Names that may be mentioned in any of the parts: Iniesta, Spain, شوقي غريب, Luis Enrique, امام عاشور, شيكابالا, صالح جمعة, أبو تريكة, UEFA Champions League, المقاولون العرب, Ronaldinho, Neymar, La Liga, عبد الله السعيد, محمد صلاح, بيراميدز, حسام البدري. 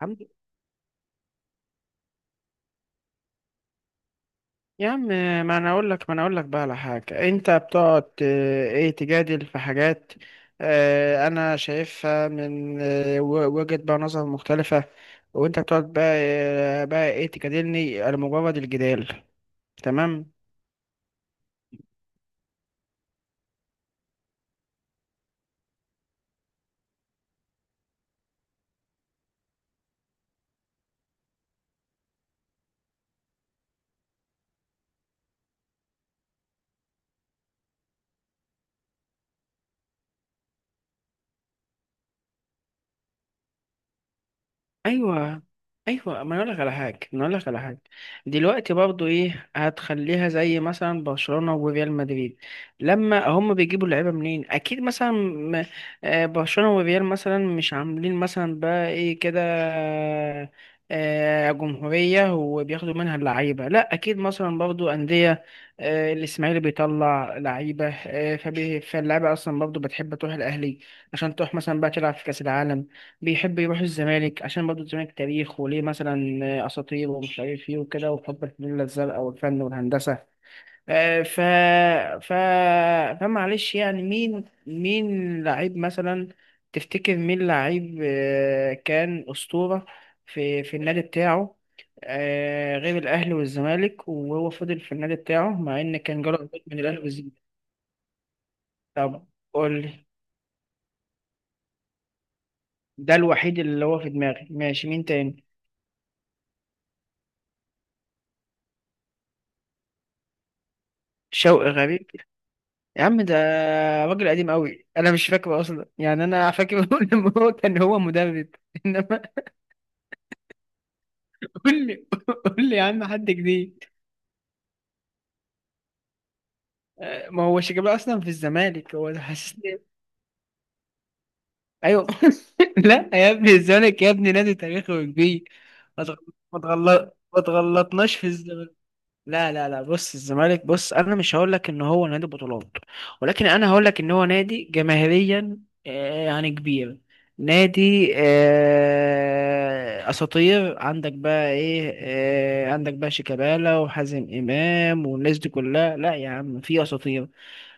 عم- يا عم، ما انا اقول لك بقى على حاجه. انت بتقعد ايه، تجادل في حاجات انا شايفها من وجهه بقى نظر مختلفه، وانت بتقعد بقى بقى ايه، تجادلني على مجرد الجدال. تمام. ايوه، ايوه، ما أنا اقول لك على حاجه ما أنا اقول لك على حاجه. دلوقتي برضو ايه، هتخليها زي مثلا برشلونه وريال مدريد؟ لما هم بيجيبوا اللعيبه منين؟ اكيد مثلا برشلونه وريال مثلا مش عاملين مثلا بقى ايه كده جمهوريه وبياخدوا منها اللعيبه. لا، اكيد مثلا برضو انديه الاسماعيلي بيطلع لعيبه. فاللعيبه اصلا برضو بتحب تروح الاهلي عشان تروح مثلا بقى تلعب في كاس العالم، بيحب يروح الزمالك عشان برضه الزمالك تاريخ وليه مثلا أساطير ومش عارف إيه وكده، وحب الفانيلا الزرقاء والفن والهندسة. آه، ف ف فمعلش. يعني مين لعيب مثلا تفتكر مين لعيب كان أسطورة في النادي بتاعه غير الأهلي والزمالك، وهو فضل في النادي بتاعه مع إن كان جاله عقود من الأهلي والزمالك؟ طب قول لي. ده الوحيد اللي هو في دماغي، ماشي. مين تاني؟ شوقي غريب؟ يا عم ده راجل قديم قوي، انا مش فاكره اصلا، يعني انا فاكر لما هو كان هو مدرب، انما قول لي، قول لي يا عم حد جديد. ما هو شيكابالا اصلا في الزمالك، هو ده حسيت. ايوه. لا يا ابني، الزمالك يا ابني نادي تاريخي وكبير. ما تغل- ما تغلطناش في الزمالك. لا لا لا، بص الزمالك، بص، انا مش هقول لك ان هو نادي بطولات، ولكن انا هقول لك ان هو نادي جماهيريا يعني كبير. نادي اساطير. عندك بقى ايه، عندك بقى شيكابالا وحازم امام والناس دي كلها. لا يا عم، في اساطير.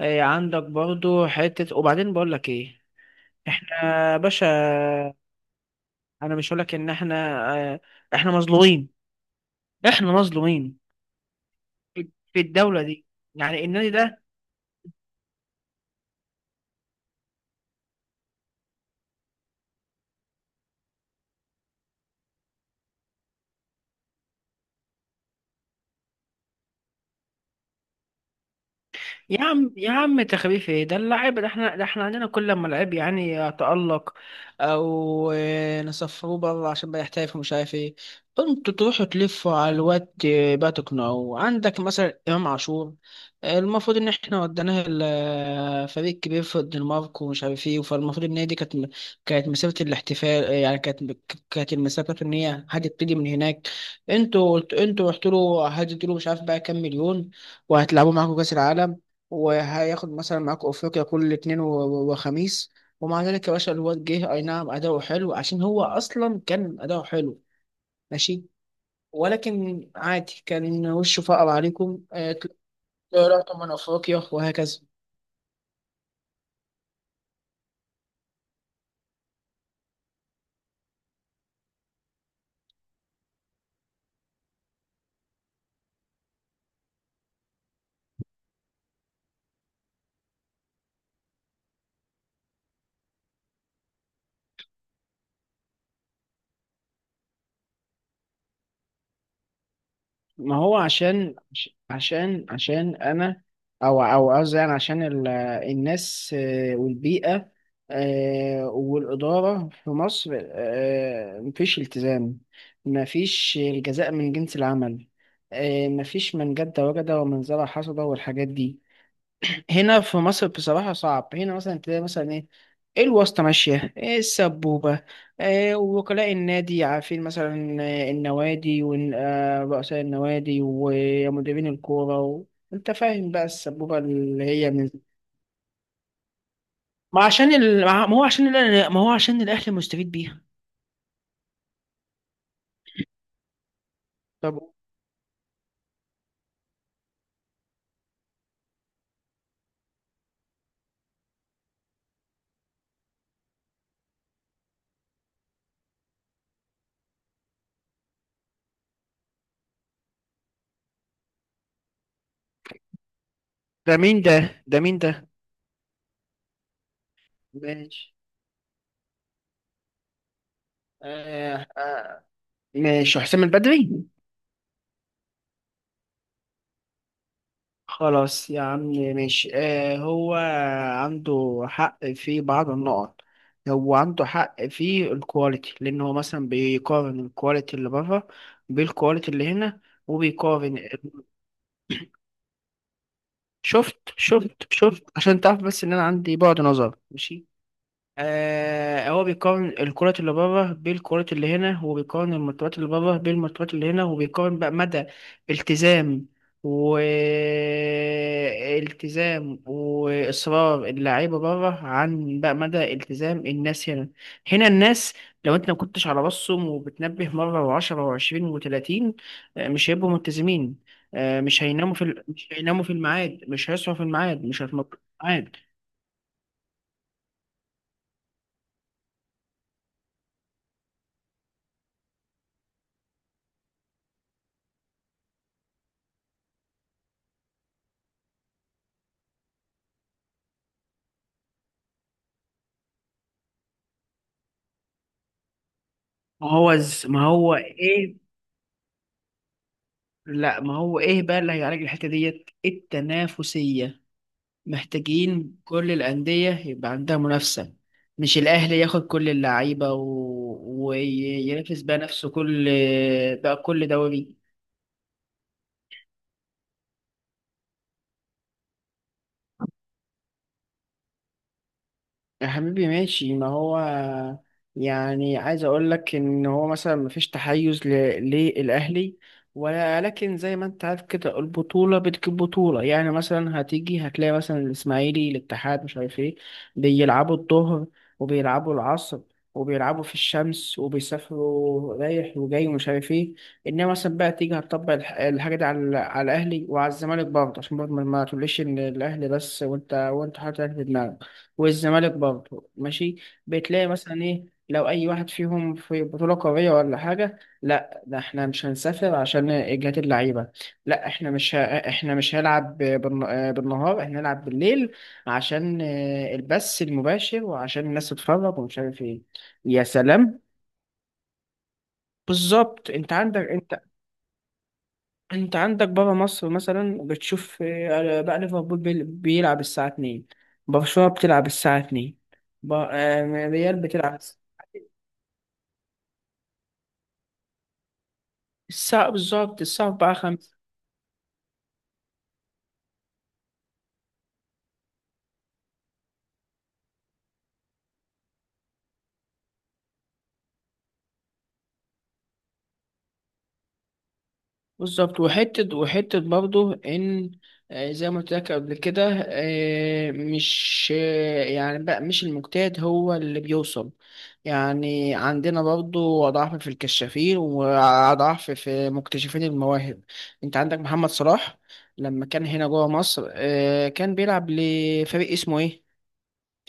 عندك برضو حتة. وبعدين بقول لك ايه، احنا يا باشا، انا مش هقول لك ان احنا آه، احنا مظلومين، احنا مظلومين في الدولة دي، يعني النادي ده. يا عم يا عم، تخفيف ايه ده؟ اللعيب ده احنا، ده احنا عندنا كل ما لعيب يعني يتألق، او نسفروه بره عشان بقى يحترف ومش عارف ايه. انتوا تروحوا تلفوا على الواد بقى تقنعوه. عندك مثلا امام عاشور، المفروض ان احنا وديناه فريق كبير في الدنمارك ومش عارف ايه، فالمفروض ان هي دي كانت كانت مسيره الاحتفال. يعني كانت المسيره بتاعته ان هي هتبتدي من هناك. انتوا رحتوا له، هديتوا له مش عارف بقى كام مليون، وهتلعبوا معاكم كاس العالم، وهياخد مثلا معاكوا افريقيا كل اتنين وخميس. ومع ذلك يا باشا الواد جه، اي نعم اداؤه حلو عشان هو اصلا كان اداؤه حلو، ماشي. ولكن عادي، كان وشه فقر عليكم، طلعتوا من افريقيا وهكذا. ما هو عشان عشان انا، او او قصدي يعني عشان الناس والبيئة والإدارة في مصر، مفيش التزام، مفيش الجزاء من جنس العمل، مفيش من جد وجد، ومن زرع حصد، والحاجات دي. هنا في مصر بصراحة صعب. هنا مثلا تلاقي مثلا ايه، الواسطة ماشية إيه، السبوبة إيه، وكلاء النادي عارفين مثلا النوادي ورؤساء النوادي ومديرين الكورة و... انت فاهم بقى السبوبة اللي هي من. ما عشان ال... ما هو عشان ال... ما هو عشان الأهلي مستفيد بيها. طب ده مين ده ده مين ده؟ ماشي. آه آه. ماشي حسام البدري؟ خلاص يا عم ماشي. هو عنده حق في بعض النقط. هو عنده حق في الكواليتي، لأن هو مثلا بيقارن الكواليتي اللي بره بالكواليتي اللي هنا، وبيقارن. شفت، شفت، شفت، عشان تعرف بس إن أنا عندي بعد نظر، ماشي. هو بيقارن الكرة اللي بره بالكرة اللي هنا، وبيقارن المرتبات اللي بره بالمرتبات اللي هنا، وبيقارن بقى مدى التزام، والتزام وإصرار اللعيبة بره، عن بقى مدى التزام الناس هنا. هنا الناس لو انت ما كنتش على راسهم وبتنبه مرة و10 و20 و30، مش هيبقوا ملتزمين. مش هيناموا مش هيناموا في الميعاد، مش هيصحوا في الميعاد، مش هيتنططوا في الميعاد. ما هو ايه. لا، ما هو ايه بقى اللي هيعالج الحته ديت؟ التنافسيه. محتاجين كل الانديه يبقى عندها منافسه، مش الاهلي ياخد كل اللعيبه وينافس بقى نفسه كل، بقى كل دوري. يا حبيبي ماشي. ما هو يعني عايز اقول لك ان هو مثلا مفيش تحيز للاهلي ولا، لكن زي ما انت عارف كده البطوله بتجيب بطوله. يعني مثلا هتيجي هتلاقي مثلا الاسماعيلي، الاتحاد، مش عارف ايه، بيلعبوا الظهر وبيلعبوا العصر وبيلعبوا في الشمس وبيسافروا رايح وجاي ومش عارف ايه. انما مثلا بقى تيجي هتطبق الحاجه دي على الاهلي وعلى الزمالك برضه، عشان برضه ما تقوليش ان الاهلي بس، وانت حاطط الاهلي في دماغك، والزمالك برضه ماشي. بتلاقي مثلا ايه، لو اي واحد فيهم في بطولة قارية ولا حاجة، لا ده احنا مش هنسافر عشان اجهاد اللعيبة، لا احنا مش ه... احنا مش هنلعب بالنهار، احنا هنلعب بالليل عشان البث المباشر وعشان الناس تتفرج ومش عارف ايه. يا سلام. بالظبط. انت عندك، انت عندك بره مصر مثلا بتشوف بقى ليفربول بيلعب الساعة 2، برشلونة بتلعب الساعة 2، ريال بتلعب الساعة بالظبط، الساعة 4 5 بالظبط. وحتة، وحتة برضه إن زي ما قلت لك قبل كده، مش يعني بقى مش المجتهد هو اللي بيوصل. يعني عندنا برضه ضعف في الكشافين وضعف في مكتشفين المواهب. أنت عندك محمد صلاح، لما كان هنا جوه مصر كان بيلعب لفريق اسمه إيه؟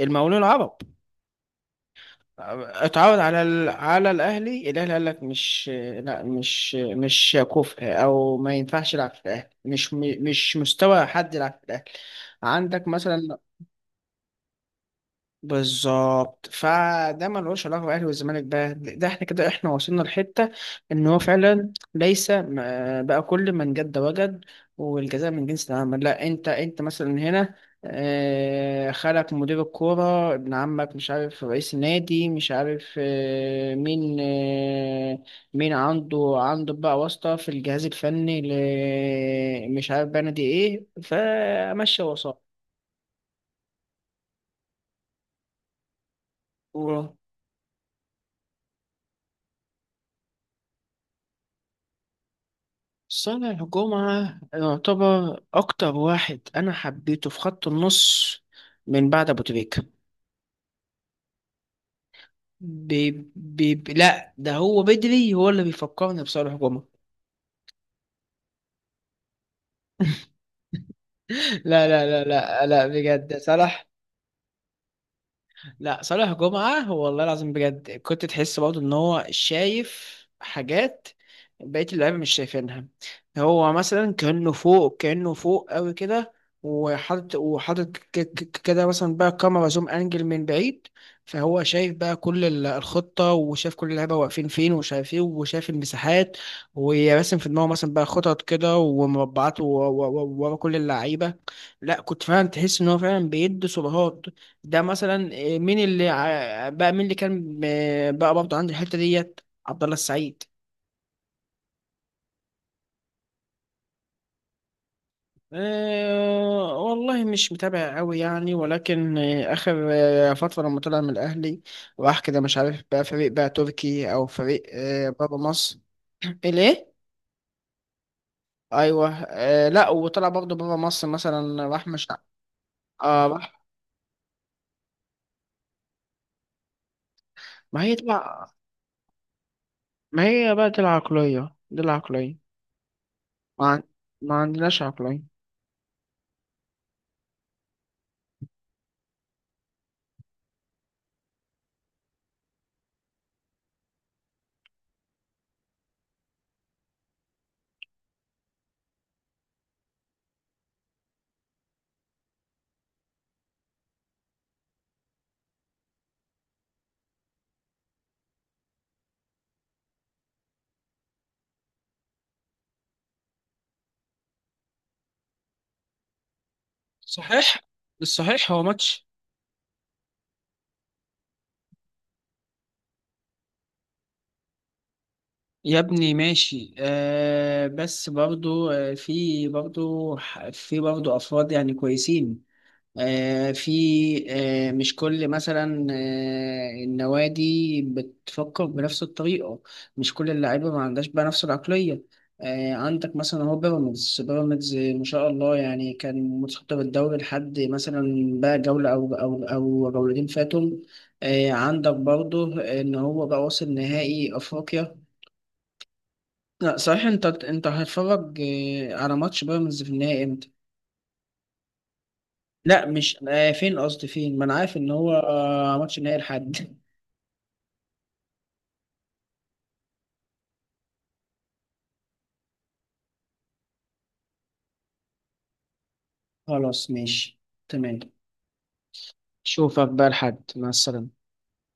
المقاولون العرب. اتعود على الاهلي، الاهلي قال لك مش، لا مش كفء، او ما ينفعش يلعب في الاهلي، مش مستوى حد يلعب في الاهلي. عندك مثلا. بالظبط. فده ملوش علاقه بالاهلي والزمالك بقى، ده احنا كده، احنا وصلنا لحته ان هو فعلا ليس م- بقى كل من جد وجد، والجزاء من جنس العمل. لا انت مثلا هنا خالك مدير الكوره، ابن عمك مش عارف رئيس النادي، مش عارف مين، مين عنده بقى واسطه في الجهاز الفني، مش عارف بقى نادي ايه، فمشي وسط. صانع جمعة يعتبر أكتر واحد أنا حبيته في خط النص من بعد أبو تريكة. بي لا ده هو بدري هو اللي بيفكرني بصالح جمعة. لا لا لا لا لا، بجد صلاح. لا، صالح جمعة والله العظيم بجد، كنت تحس برضه ان هو شايف حاجات بقية اللعيبة مش شايفينها. هو مثلا كأنه فوق، كأنه فوق قوي كده، وحاطط كده مثلا بقى كاميرا زوم انجل من بعيد. فهو شايف بقى كل الخطة، وشايف كل اللعيبة واقفين فين، وشايف ايه، وشايف المساحات، وراسم في دماغه مثلا بقى خطط كده ومربعات ورا كل اللعيبة. لا كنت فعلا تحس ان هو فعلا بيدي سبهات. ده مثلا إيه، مين اللي بقى مين اللي كان بقى برضه عند الحته ديت؟ عبد الله السعيد. أه والله مش متابع قوي يعني، ولكن اخر فتره لما طلع من الاهلي راح كده مش عارف بقى فريق بقى تركي، او فريق بابا مصر. ليه؟ ايوه. لا، وطلع برضه بابا مصر مثلا راح، مش اه راح. ما هي تبع، ما هي بقى دي العقليه، دي العقليه، ما, عن- ما عندناش عقليه. صحيح. بالصحيح هو ماتش. يا ابني ماشي. بس برضو في برضو افراد يعني كويسين. في، مش كل مثلا النوادي بتفكر بنفس الطريقة، مش كل اللعيبة ما عندهاش بقى نفس العقلية. عندك مثلا هو بيراميدز، بيراميدز ما شاء الله يعني، كان متصدر الدوري لحد مثلا بقى جولة، او او او جولتين فاتهم. عندك برضو ان هو بقى واصل نهائي افريقيا. لا صحيح، انت هتتفرج على ماتش بيراميدز في النهائي امتى؟ لا مش فين قصدي، فين؟ ما انا عارف ان هو ماتش النهائي الحد. خلاص ماشي، تمام. شوفك بقى الحد، مع السلامة.